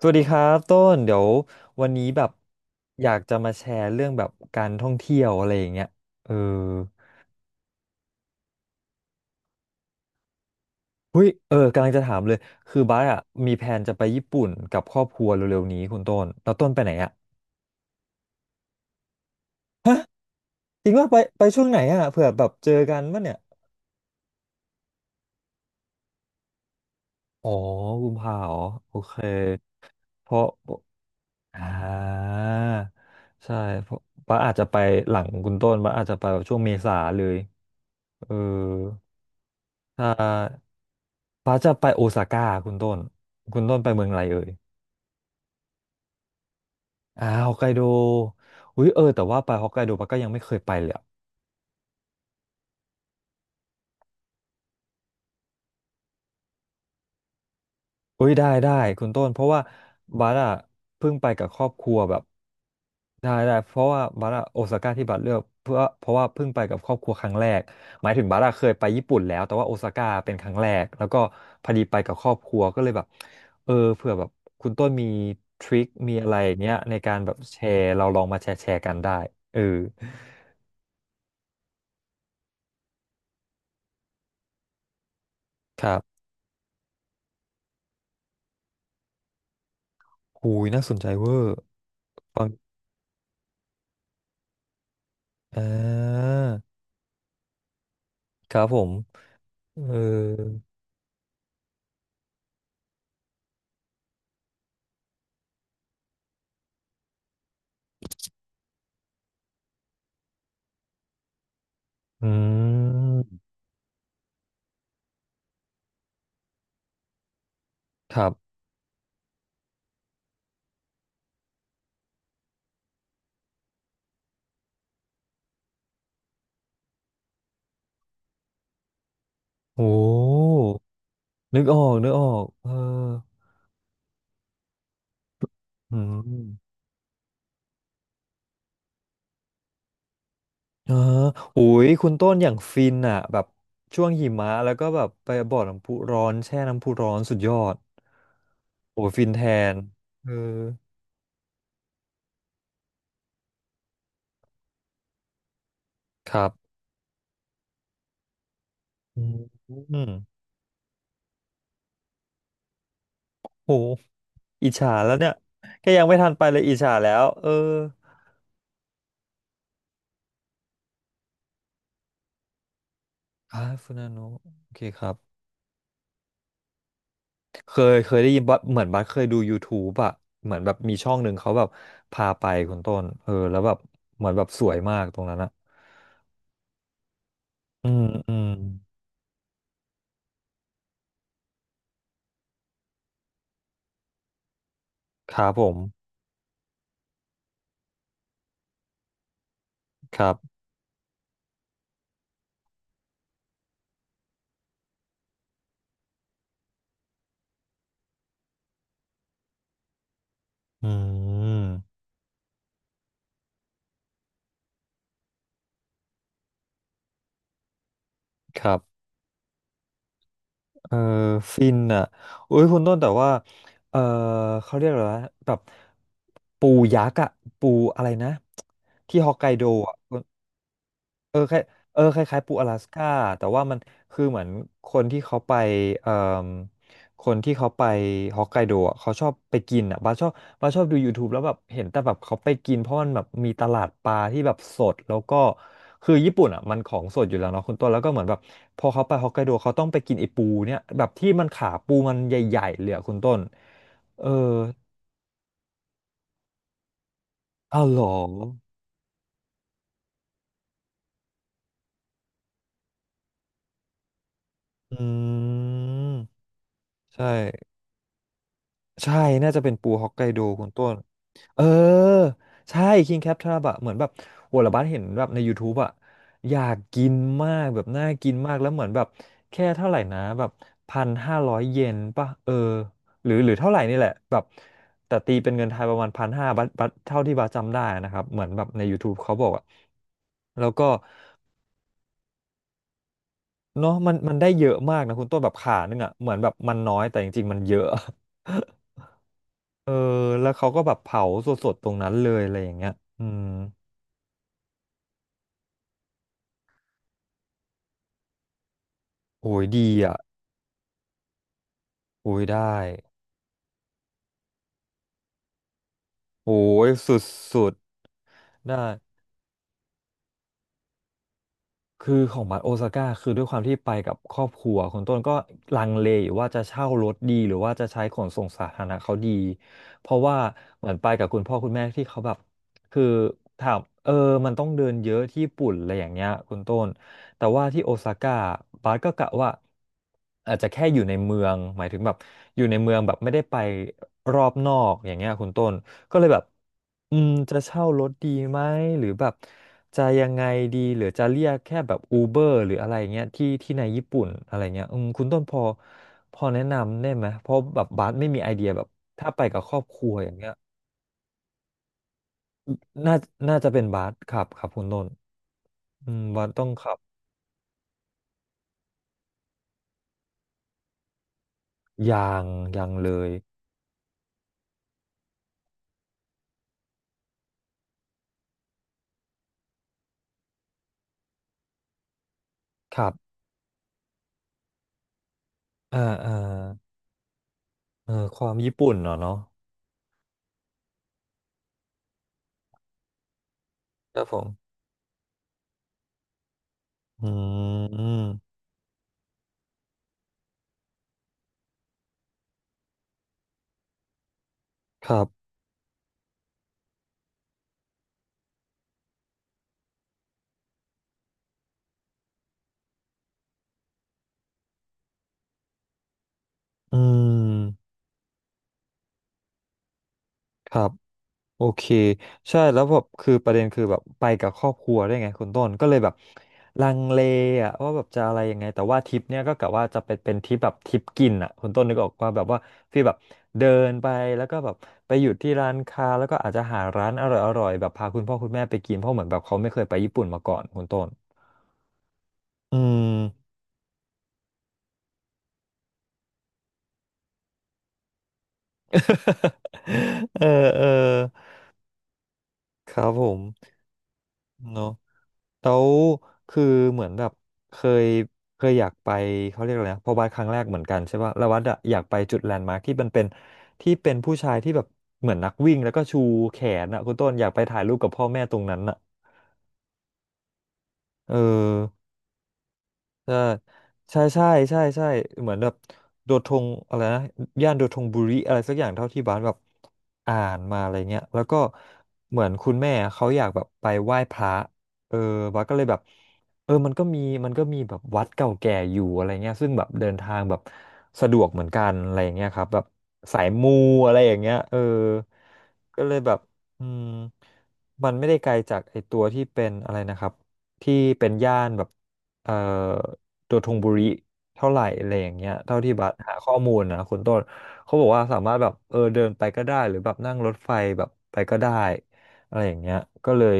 สวัสดีครับต้นเดี๋ยววันนี้แบบอยากจะมาแชร์เรื่องแบบการท่องเที่ยวอะไรอย่างเงี้ยเออเฮ้ยเออกำลังจะถามเลยคือบ้าสอะมีแผนจะไปญี่ปุ่นกับครอบครัวเร็วๆนี้คุณต้นแล้วต้นไปไหนอะฮะจริงว่าไปไปช่วงไหนอะเผื่อแบบเจอกันป่ะเนี่ยอ๋อกุมภาอ๋อโอเคเพราะอ่าใช่เพราะบ้าสอาจจะไปหลังคุณต้นบ้าสอาจจะไปแบบช่วงเมษาเลยเออ ใช่ฟ้าจะไปโอซาก้าคุณต้น คุณต้นไปเมืองอะไรเอ่ยอ่าฮอกไกโดอุ้ยเออแต่ว่าไปฮอกไกโดปาก็ยังไม่เคยไปเลยอะ อุ้ยได้ได้คุณต้นเพราะว่าบัสอะเพิ่งไปกับครอบครัวแบบได้ได้เพราะว่าบัสอะโอซาก้าที่บัสเลือกเพื่อเพราะว่าเพิ่งไปกับครอบครัวครั้งแรกหมายถึงบัสอะเคยไปญี่ปุ่นแล้วแต่ว่าโอซาก้าเป็นครั้งแรกแล้วก็พอดีไปกับครอบครัวก็เลยแบบเออเผื่อแบบคุณต้นมีทริคมีอะไรอย่างเงี้ยในการแบบแชร์เราลองมาแชร์แชร์กันได้เออครับหูยน่าสนใจเวอร์ฟังอ่าครับผมเอออืมครับ โอ้ นึกออกนึกออกเอออืมเออโอ้ยคุณต้นอย่างฟินอ่ะแบบช่วงหิมะแล้วก็แบบไปบ่อน้ำพุร้อนแช่น้ำพุร้อนสุดยอดโอ้ฟินแทนเออครับอืมอืมโหอิจฉาแล้วเนี่ย แค่ยังไม่ทันไปเลยอิจฉาแล้วเอออ่าฟูนาโนะโอเคครับ เคยเคยได้ยินบัสเหมือนบัสเคยดู YouTube อะเหมือนแบบมีช่องหนึ่งเขาแบบพาไปคุณต้นเออแล้วแบบเหมือนแบบสวยมากตรงนั้นอะอืมอืมครับผมครับอืมครับเออฟินอะอุ้ยคุณต้นแต่ว่าเออเขาเรียกอะไรวะแบบปูยักษ์อะปูอะไรนะที่ฮอกไกโดอะเออ เออคล้ายเออคล้ายๆปูอลาสก้าแต่ว่ามันคือเหมือนคนที่เขาไปเอ่อคนที่เขาไปฮอกไกโดอะเขาชอบไปกินอ่ะบาสชอบบาสชอบดู YouTube แล้วแบบเห็นแต่แบบเขาไปกินเพราะมันแบบมีตลาดปลาที่แบบสดแล้วก็คือญี่ปุ่นอ่ะมันของสดอยู่แล้วเนาะคุณต้นแล้วก็เหมือนแบบพอเขาไปฮอกไกโดเขาต้องไปกินไอปูเนี่ยแบบที่มันขาปูมันใหญ่ๆเลยอะคุณต้นเอออ้าวเหรออืมใช่ ใช่น่าจะเป็นปูฮอกไกโดคุณต้นเออใช่คิงแคปทราบะเหมือนแบบโหระบัดเห็นแบบใน YouTube อะอยากกินมากแบบน่ากินมากแล้วเหมือนแบบแค่เท่าไหร่นะแบบ1,500 เยนป่ะเออหรือหรือเท่าไหร่นี่แหละแบบแต่ตีเป็นเงินไทยประมาณพันห้าบัตบัตเท่าที่บาสจำได้นะครับเหมือนแบบใน YouTube เขาบอกอะแล้วก็เนาะมันมันได้เยอะมากนะคุณต้นแบบขานึงอะเหมือนแบบมันน้อยแต่จริงๆมันเยอะ เออแล้วเขาก็แบบเผาสดๆตรงนั้นเลยอะไรอย่างเงี้ยอืมโอ้ยดีอ่ะ โอ้ยได้ โอ้ยสุดๆได้ คือของบัสโอซาก้าคือด้วยความที่ไปกับครอบครัวคุณต้นก็ลังเลอยู่ว่าจะเช่ารถดีหรือว่าจะใช้ขนส่งสาธารณะเขาดีเพราะว่าเหมือนไปกับคุณพ่อคุณแม่ที่เขาแบบคือถามเออมันต้องเดินเยอะที่ญี่ปุ่นอะไรอย่างเงี้ยคุณต้นแต่ว่าที่โอซาก้าบาสก็กะว่าอาจจะแค่อยู่ในเมืองหมายถึงแบบอยู่ในเมืองแบบไม่ได้ไปรอบนอกอย่างเงี้ยคุณต้น ก็เลยแบบอืมจะเช่ารถดีไหมหรือแบบจะยังไงดีหรือจะเรียกแค่แบบอูเบอร์หรืออะไรเงี้ยที่ที่ในญี่ปุ่นอะไรเงี้ยอืมคุณต้นพอพอแนะนำได้ไหมเพราะแบบบาสไม่มีไอเดียแบบถ้าไปกับครอบครัวอย่างเงี้ยน่าน่าจะเป็นบาสครับครับคุณต้นอืมบาสต้องขับยางยางเลยครับอ่าอ่าเออความญี่ปุ่นเนาะเนาะครับผมอืมครับอืมครับ โอเคใช่แล้วแบบคือประเด็นคือแบบไปกับครอบครัวได้วยไงคุณต้นก็เลยแบบลังเลอะว่าแบบจะอะไรยังไงแต่ว่าทริปเนี้ยก็กะว่าจะเป็นเป็นทริปแบบทริปกินอะคุณต้นนึกออกว่าแบบว่าฟีลแบบเดินไปแล้วก็แบบไปหยุดที่ร้านค้าแล้วก็อาจจะหาร้านอร่อยอร่อยแบบพาคุณพ่อคุณแม่ไปกินเพราะเหมือนแบบเขาไม่เคยไปญี่ปุ่นมาก่อนคุณต้นอืม เออเออครับผมเนาะ แล้วคือเหมือนแบบเคยเคยอยากไปเขาเรียกอะไรนะพอวัดครั้งแรกเหมือนกันใช่ป่ะแล้ววัดอะอยากไปจุดแลนด์มาร์คที่มันเป็นที่เป็นผู้ชายที่แบบเหมือนนักวิ่งแล้วก็ชูแขนอะคุณต้นอยากไปถ่ายรูปกับพ่อแม่ตรงนั้นอะเออ ใช่ใช่ใช่ใช่ใช่เหมือนแบบโดทงอะไรนะย่านโดทงบุรีอะไรสักอย่างเท่าที่บ้านแบบอ่านมาอะไรเงี้ยแล้วก็เหมือนคุณแม่เขาอยากแบบไปไหว้พระเออบ้านก็เลยแบบเออมันก็มีแบบวัดเก่าแก่อยู่อะไรเงี้ยซึ่งแบบเดินทางแบบสะดวกเหมือนกันอะไรเงี้ยครับแบบสายมูอะไรอย่างเงี้ยเออก็เลยแบบอืมมันไม่ได้ไกลจากไอตัวที่เป็นอะไรนะครับที่เป็นย่านแบบเอ่อ ตัวทงบุริเท่าไหร่อะไรอย่างเงี้ยเท่าที่บัสหาข้อมูลนะคุณต้นเขาบอกว่าสามารถแบบเออเดินไปก็ได้หรือแบบนั่งรถไฟแบบไปก็ได้อะไรอย่างเงี้ยก็เลย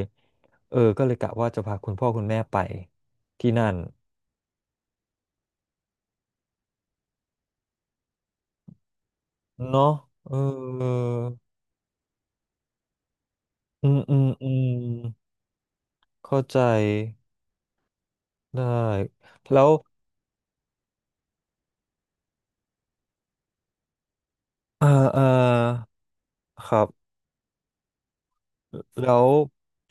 เออก็เลยกะว่าจะพาคุณพ่อคุณแม่ไปที่นั่นเนาะเอออืมอืมอืมเข้าใจได้แล้วเออเออครับ แล้ว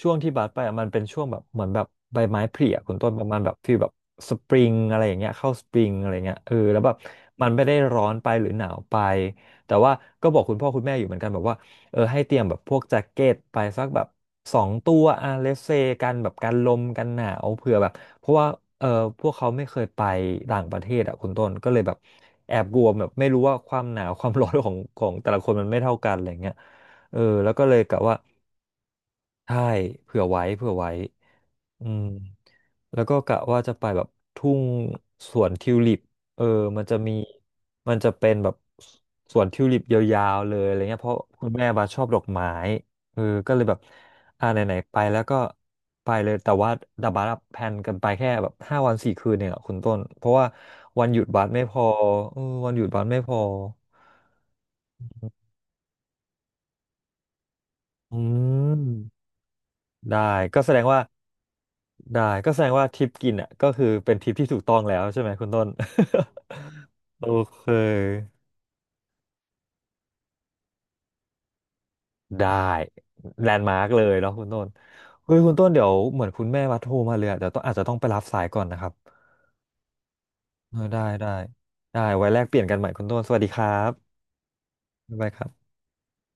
ช่วงที่บัสไปอะมันเป็นช่วงแบบเหมือนแบบใบไม้ผลิอะคุณต้นประมาณแบบฟีลแบบสปริงอะไรอย่างเงี้ยเข้าสปริงอะไรเงี้ยเออแล้วแบบมันไม่ได้ร้อนไปหรือหนาวไปแต่ว่าก็บอกคุณพ่อคุณแม่อยู่เหมือนกันแบบว่าเออให้เตรียมแบบพวกแจ็คเก็ตไปสักแบบ2 ตัวอ่ะเลสเซกันแบบกันลมกันหนาวเผื่อแบบเพราะว่าเออพวกเขาไม่เคยไปต่างประเทศอ่ะคุณต้นก็เลยแบบแอบกลัวแบบไม่รู้ว่าความหนาวความร้อนของแต่ละคนมันไม่เท่ากันอะไรเงี้ยเออแล้วก็เลยกะว่า ใช่เผื่อไว้เผื่อไว้อืมแล้วก็กะว่าจะไปแบบทุ่งสวนทิวลิปเออมันจะมี มันจะเป็นแบบสวนทิวลิปยาวๆเลยอะไรเงี้ยเพราะคุณแม่บาชอบดอกไม้เออก็เลยแบบอ่าไหนๆไปแล้วก็ไปเลย แต่ว่าดับบัสอะแพลนกันไปแค่แบบ5 วัน 4 คืนเนี่ยคุณต้นเพราะว่าวันหยุดบัสไม่พอเออวันหยุดบัสไม่พออืมได้ก็แสดงว่า ได้ก็แสดงว่าทริปกินอ่ะก็คือเป็นทริปที่ถูกต้องแล้วใช่ไหมคุณต้น โอเคได้แลนด์มาร์กเลยเนาะคุณต้นเฮ้ยคุณต้นเดี๋ยวเหมือนคุณแม่วัดโทรมาเลยอะเดี๋ยวต้องอาจจะต้องไปรับสายก่อนนะครับเออได้ได้ได้ไว้แลกเปลี่ยนกันใหม่คุณต้นสวัสดีครับบ๊ายบายครับ